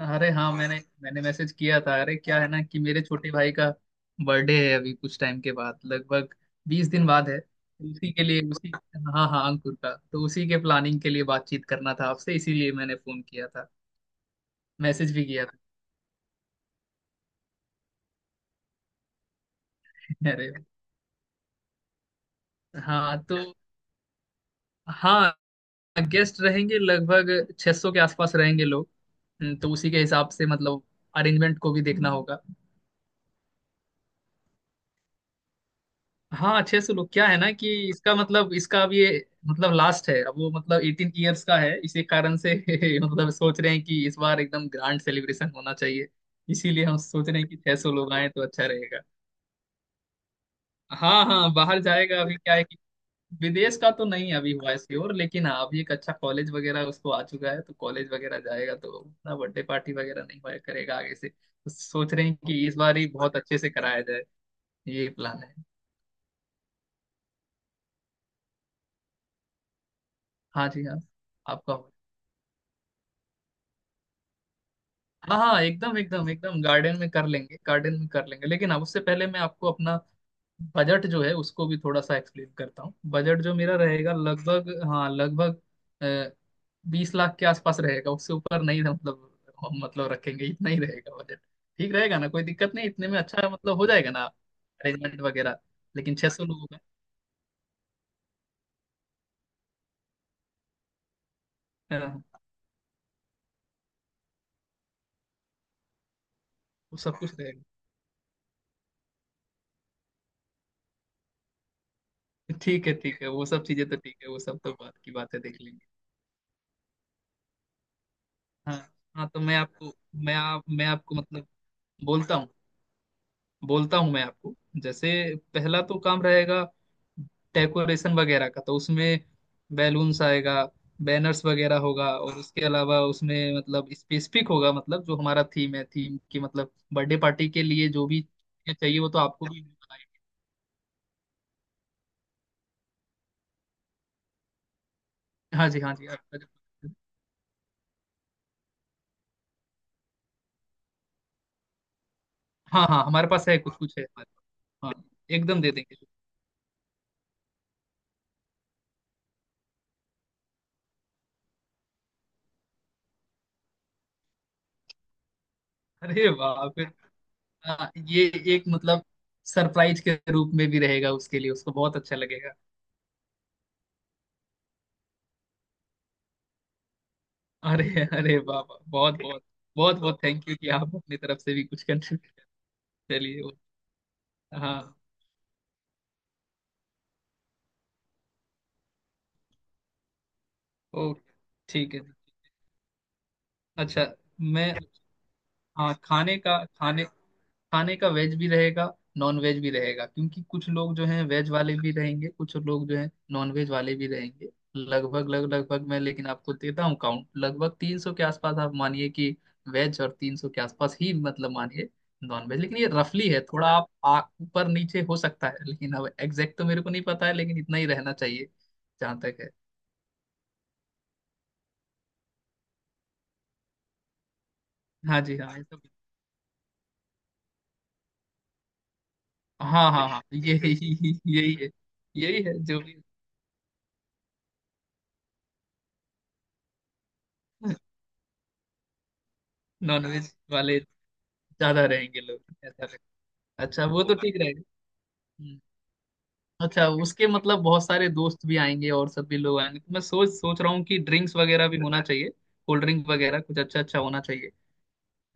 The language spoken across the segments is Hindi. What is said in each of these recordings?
अरे हाँ मैंने मैंने मैसेज किया था। अरे क्या है ना कि मेरे छोटे भाई का बर्थडे है, अभी कुछ टाइम के बाद, लगभग 20 दिन बाद है। उसी के लिए उसी हाँ हाँ, अंकुर का, तो उसी के प्लानिंग के लिए बातचीत करना था आपसे, इसीलिए मैंने फोन किया था, मैसेज भी किया था। अरे हाँ, तो हाँ, गेस्ट रहेंगे लगभग 600 के आसपास रहेंगे लोग। तो उसी के हिसाब से मतलब अरेंजमेंट को भी देखना होगा। हाँ अच्छे से, लोग क्या है ना कि इसका मतलब, इसका अब ये मतलब लास्ट है, अब वो मतलब 18 ईयर्स का है, इसी कारण से मतलब सोच रहे हैं कि इस बार एकदम ग्रैंड सेलिब्रेशन होना चाहिए। इसीलिए हम सोच रहे हैं कि 600 लोग आए तो अच्छा रहेगा। हाँ हाँ, बाहर जाएगा। अभी क्या है कि विदेश का तो नहीं अभी हुआ इसकी ओर, लेकिन हाँ अभी एक अच्छा कॉलेज वगैरह उसको आ चुका है, तो कॉलेज वगैरह जाएगा तो उतना बर्थडे पार्टी वगैरह नहीं हुआ करेगा आगे से, तो सोच रहे हैं कि इस बार ही बहुत अच्छे से कराया जाए। ये प्लान है। हाँ जी हाँ, आपका। हाँ हाँ, एकदम एकदम एकदम गार्डन में कर लेंगे, गार्डन में कर लेंगे, लेकिन अब उससे पहले मैं आपको अपना बजट जो है उसको भी थोड़ा सा एक्सप्लेन करता हूँ। बजट जो मेरा रहेगा लगभग, हाँ लगभग 20 लाख के आसपास रहेगा, उससे ऊपर नहीं। मतलब रखेंगे इतना ही, रहेगा बजट। ठीक रहेगा ना? कोई दिक्कत नहीं? इतने में अच्छा मतलब हो जाएगा ना अरेंजमेंट वगैरह? लेकिन 600 लोगों का। हाँ, वो सब कुछ रहेगा। ठीक है ठीक है, वो सब चीजें तो ठीक है, वो सब तो बात की बात है, देख लेंगे। हाँ हाँ, तो मैं आपको, मैं आपको मतलब बोलता हूँ, बोलता हूँ मैं आपको। जैसे पहला तो काम रहेगा डेकोरेशन वगैरह का, तो उसमें बैलून्स आएगा, बैनर्स वगैरह होगा, और उसके अलावा उसमें मतलब स्पेसिफिक होगा मतलब जो हमारा थीम है, थीम की मतलब बर्थडे पार्टी के लिए, जो भी चीजें चाहिए वो तो आपको भी। हाँ जी हाँ जी, आपका जो- हाँ हाँ, हमारे पास है, कुछ कुछ है हमारे पास, हाँ एकदम दे देंगे। अरे वाह, फिर हाँ, ये एक मतलब सरप्राइज के रूप में भी रहेगा उसके लिए, उसको बहुत अच्छा लगेगा। अरे अरे वाह वाह, बहुत बहुत, बहुत बहुत थैंक यू, कि आप अपनी तरफ से भी कुछ कंट्रीब्यूट। चलिए ओ- हाँ, ओके, ठीक है। अच्छा, मैं, हाँ खाने का, खाने खाने का वेज भी रहेगा, नॉन वेज भी रहेगा, क्योंकि कुछ लोग जो हैं वेज वाले भी रहेंगे, कुछ लोग जो हैं नॉन वेज वाले भी रहेंगे। लगभग मैं लेकिन आपको देता हूँ काउंट, लगभग 300 के आसपास आप मानिए कि वेज, और 300 के आसपास ही मतलब मानिए नॉन वेज, लेकिन ये रफली है, थोड़ा ऊपर नीचे हो सकता है, लेकिन अब एग्जैक्ट तो मेरे को नहीं पता है, लेकिन इतना ही रहना चाहिए जहाँ तक है। हाँ जी हाँ, ये सब, हाँ हाँ हाँ, ये यही, यही है जो भी नॉनवेज वाले ज्यादा रहेंगे लोग, ऐसा लगता है। अच्छा, वो तो ठीक रहेगा। हम्म। अच्छा, उसके मतलब बहुत सारे दोस्त भी आएंगे और सब भी लोग आएंगे, तो मैं सोच सोच रहा हूँ कि ड्रिंक्स वगैरह भी होना चाहिए, कोल्ड ड्रिंक वगैरह कुछ अच्छा अच्छा होना चाहिए,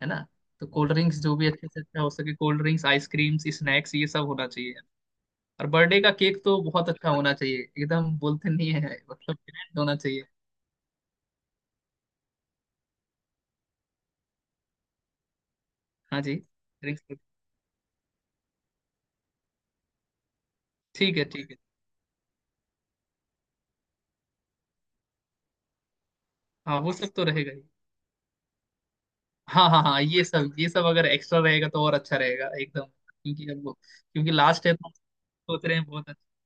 है ना? तो कोल्ड ड्रिंक्स जो भी अच्छे से अच्छा हो सके, कोल्ड ड्रिंक्स, आइसक्रीम्स, स्नैक्स, ये सब होना चाहिए। और बर्थडे का केक तो बहुत अच्छा होना चाहिए, एकदम, बोलते नहीं है, मतलब grand होना चाहिए। हाँ जी, ड्रिंक्स, ठीक है ठीक है, हाँ वो सब तो रहेगा ही। हाँ हाँ हाँ, ये सब, ये सब अगर एक्स्ट्रा रहेगा तो और अच्छा रहेगा एकदम, क्योंकि अब क्योंकि लास्ट है तो सोच रहे हैं बहुत अच्छा।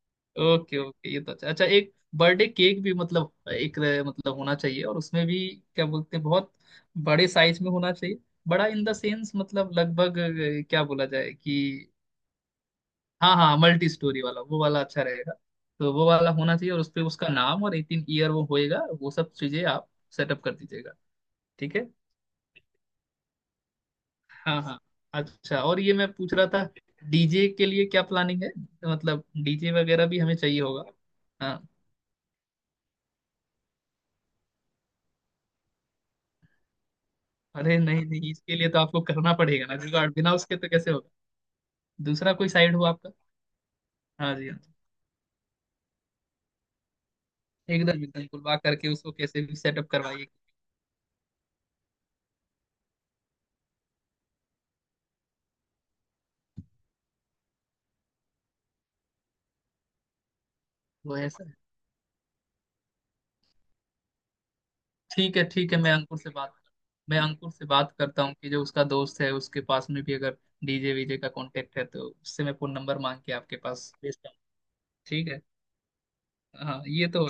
ओके ओके, ये तो अच्छा अच्छा। एक बर्थडे केक भी मतलब एक, मतलब होना चाहिए, और उसमें भी क्या बोलते हैं बहुत बड़े साइज में होना चाहिए। बड़ा इन द सेंस मतलब लगभग, क्या बोला जाए कि हाँ हाँ, मल्टी स्टोरी वाला, वो वाला अच्छा रहेगा। तो वो वाला होना चाहिए, और उस पर उसका नाम और 18 ईयर वो होएगा, वो सब चीजें आप सेटअप कर दीजिएगा। ठीक है, हाँ हाँ, अच्छा और ये मैं पूछ रहा था डीजे के लिए क्या प्लानिंग है? मतलब डीजे वगैरह भी हमें चाहिए होगा। हाँ, अरे नहीं नहीं, इसके लिए तो आपको करना पड़ेगा ना जुगाड़, बिना उसके तो कैसे होगा? दूसरा कोई साइड हो आपका। हाँ जी हाँ जी। एकदम एकदम बुलवा करके उसको कैसे भी सेटअप करवाइए। वो ऐसा है। ठीक है ठीक है, मैं अंकुर से बात करता हूँ कि जो उसका दोस्त है उसके पास में भी अगर डीजे वीजे का कांटेक्ट है तो उससे मैं फोन नंबर मांग के आपके पास भेजता हूँ। ठीक है, हाँ ये तो,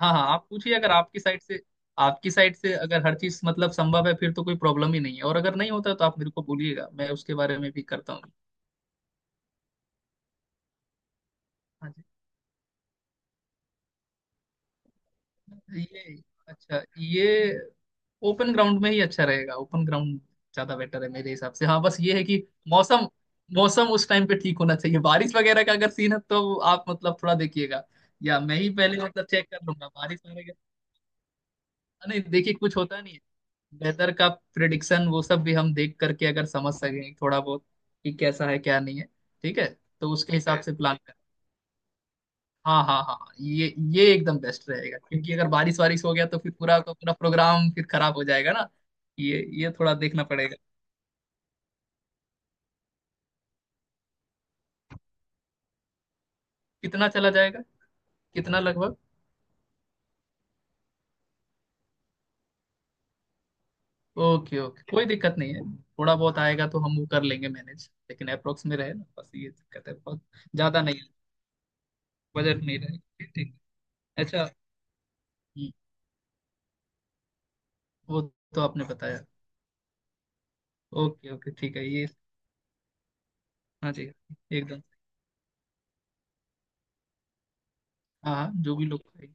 हाँ हाँ, आप पूछिए अगर आपकी साइड से, आपकी साइड से अगर हर चीज मतलब संभव है फिर तो कोई प्रॉब्लम ही नहीं है, और अगर नहीं होता तो आप मेरे को बोलिएगा, मैं उसके बारे में भी करता हूँ। हाँ जी, ये अच्छा, ये ओपन ग्राउंड में ही अच्छा रहेगा, ओपन ग्राउंड ज्यादा बेटर है मेरे हिसाब से। हाँ बस ये है कि मौसम मौसम उस टाइम पे ठीक होना चाहिए, बारिश वगैरह का अगर सीन है तो आप मतलब थोड़ा देखिएगा, या मैं ही पहले मतलब चेक कर लूंगा बारिश वगैरह का- नहीं देखिए, कुछ होता नहीं है। वेदर का प्रिडिक्शन वो सब भी हम देख करके अगर समझ सकें थोड़ा बहुत कि कैसा है क्या नहीं है। ठीक है, तो उसके ठीक हिसाब है से प्लान करें। हाँ हाँ हाँ हाँ, ये एकदम बेस्ट रहेगा, क्योंकि अगर बारिश वारिश हो गया तो फिर पूरा का पूरा प्रोग्राम फिर खराब हो जाएगा ना। ये थोड़ा देखना पड़ेगा। कितना चला जाएगा? कितना लगभग? ओके ओके, कोई दिक्कत नहीं है, थोड़ा बहुत आएगा तो हम वो कर लेंगे मैनेज, लेकिन अप्रोक्स में रहे ना, बस ये दिक्कत है, बहुत ज्यादा नहीं है। बजट नहीं रहेगा, ठीक ठीक। अच्छा, हम्म, वो तो आपने बताया। ओके ओके ठीक है ये। हाँ जी एकदम, हाँ हाँ जो भी लोग खाएंगे,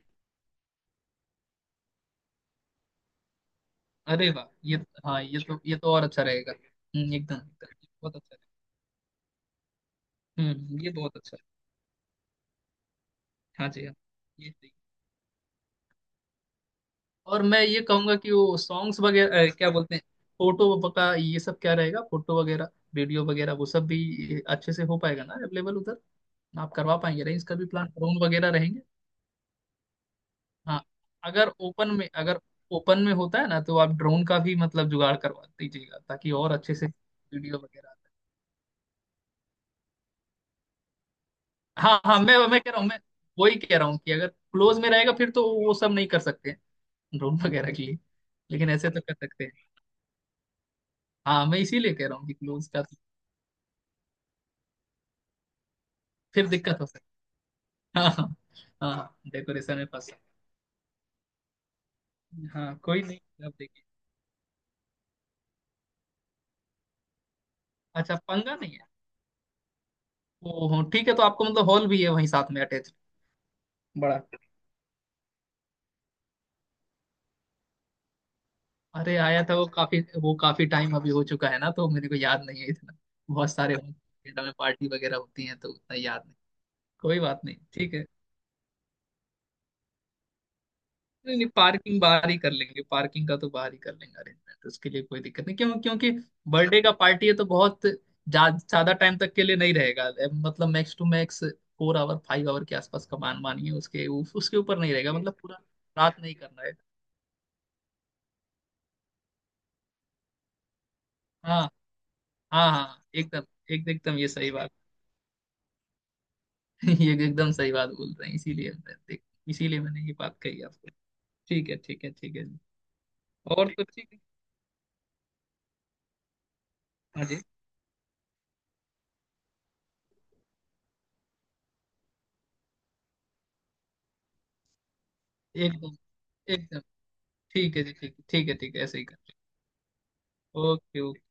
अरे वाह ये, हाँ ये तो और अच्छा रहेगा। एकदम एकदम बहुत अच्छा रहेगा। ये बहुत अच्छा है। हाँ जी हाँ, ये सही। और मैं ये कहूंगा कि वो सॉन्ग्स वगैरह, क्या बोलते हैं, फोटो का ये सब क्या रहेगा, फोटो वगैरह, वीडियो वगैरह, वो सब भी अच्छे से हो पाएगा ना अवेलेबल उधर? आप करवा पाएंगे ना इसका भी प्लान, ड्रोन वगैरह रहेंगे? हाँ, अगर ओपन में, अगर ओपन में होता है ना, तो आप ड्रोन का भी मतलब जुगाड़ करवा दीजिएगा, ताकि और अच्छे से वीडियो वगैरह आते। हाँ हाँ, मैं कह रहा हूँ, मैं वही कह रहा हूँ कि अगर क्लोज में रहेगा फिर तो वो सब नहीं कर सकते हैं ड्रोन वगैरह के लिए, लेकिन ऐसे तो कर सकते हैं। हाँ मैं इसीलिए कह रहा हूँ कि क्लोज का तो फिर दिक्कत हो सकती है। हाँ हाँ हाँ हाँ, डेकोरेशन में फंस सकते हैं। हाँ कोई नहीं, आप देखिए। अच्छा पंगा नहीं है, ओ हो ठीक है, तो आपको मतलब हॉल भी है वहीं साथ में अटैच? बड़ा। अरे आया था वो, काफी वो काफी टाइम अभी हो चुका है ना, तो मेरे को याद नहीं है इतना, बहुत सारे थिएटर में पार्टी वगैरह होती है तो उतना याद नहीं। कोई बात नहीं, ठीक है। नहीं नहीं पार्किंग बाहर ही कर लेंगे, पार्किंग का तो बाहर ही कर लेंगे अरेंजमेंट उसके लिए, कोई दिक्कत नहीं, क्यों क्योंकि बर्थडे का पार्टी है तो बहुत ज्यादा टाइम तक के लिए नहीं रहेगा। मतलब max to max 4 our 5 our के आसपास का मानिए, उसके ऊपर नहीं रहेगा मतलब, पूरा रात नहीं करना है। हाँ हाँ हाँ, एकदम एक एकदम ये सही बात, ये एकदम सही बात बोल रहे हैं, इसीलिए देख, इसीलिए मैंने ये बात कही आपको। ठीक है ठीक है ठीक है जी। और तो ठीक है, हाँ जी एकदम एकदम, ठीक है जी ठीक है ठीक है ठीक है, ऐसे ही कर। ओके ओके,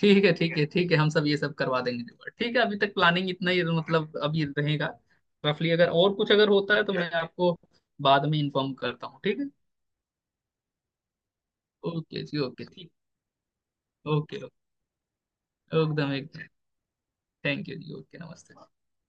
ठीक है ठीक है ठीक है, हम सब ये सब करवा देंगे जुगाड़। ठीक है, अभी तक प्लानिंग इतना ही मतलब अभी रहेगा रफली, अगर और कुछ अगर होता है तो मैं आपको बाद में इन्फॉर्म करता हूँ, ठीक है। ओके जी ओके ठीक, ओके ओके एकदम एकदम, थैंक यू जी, ओके नमस्ते।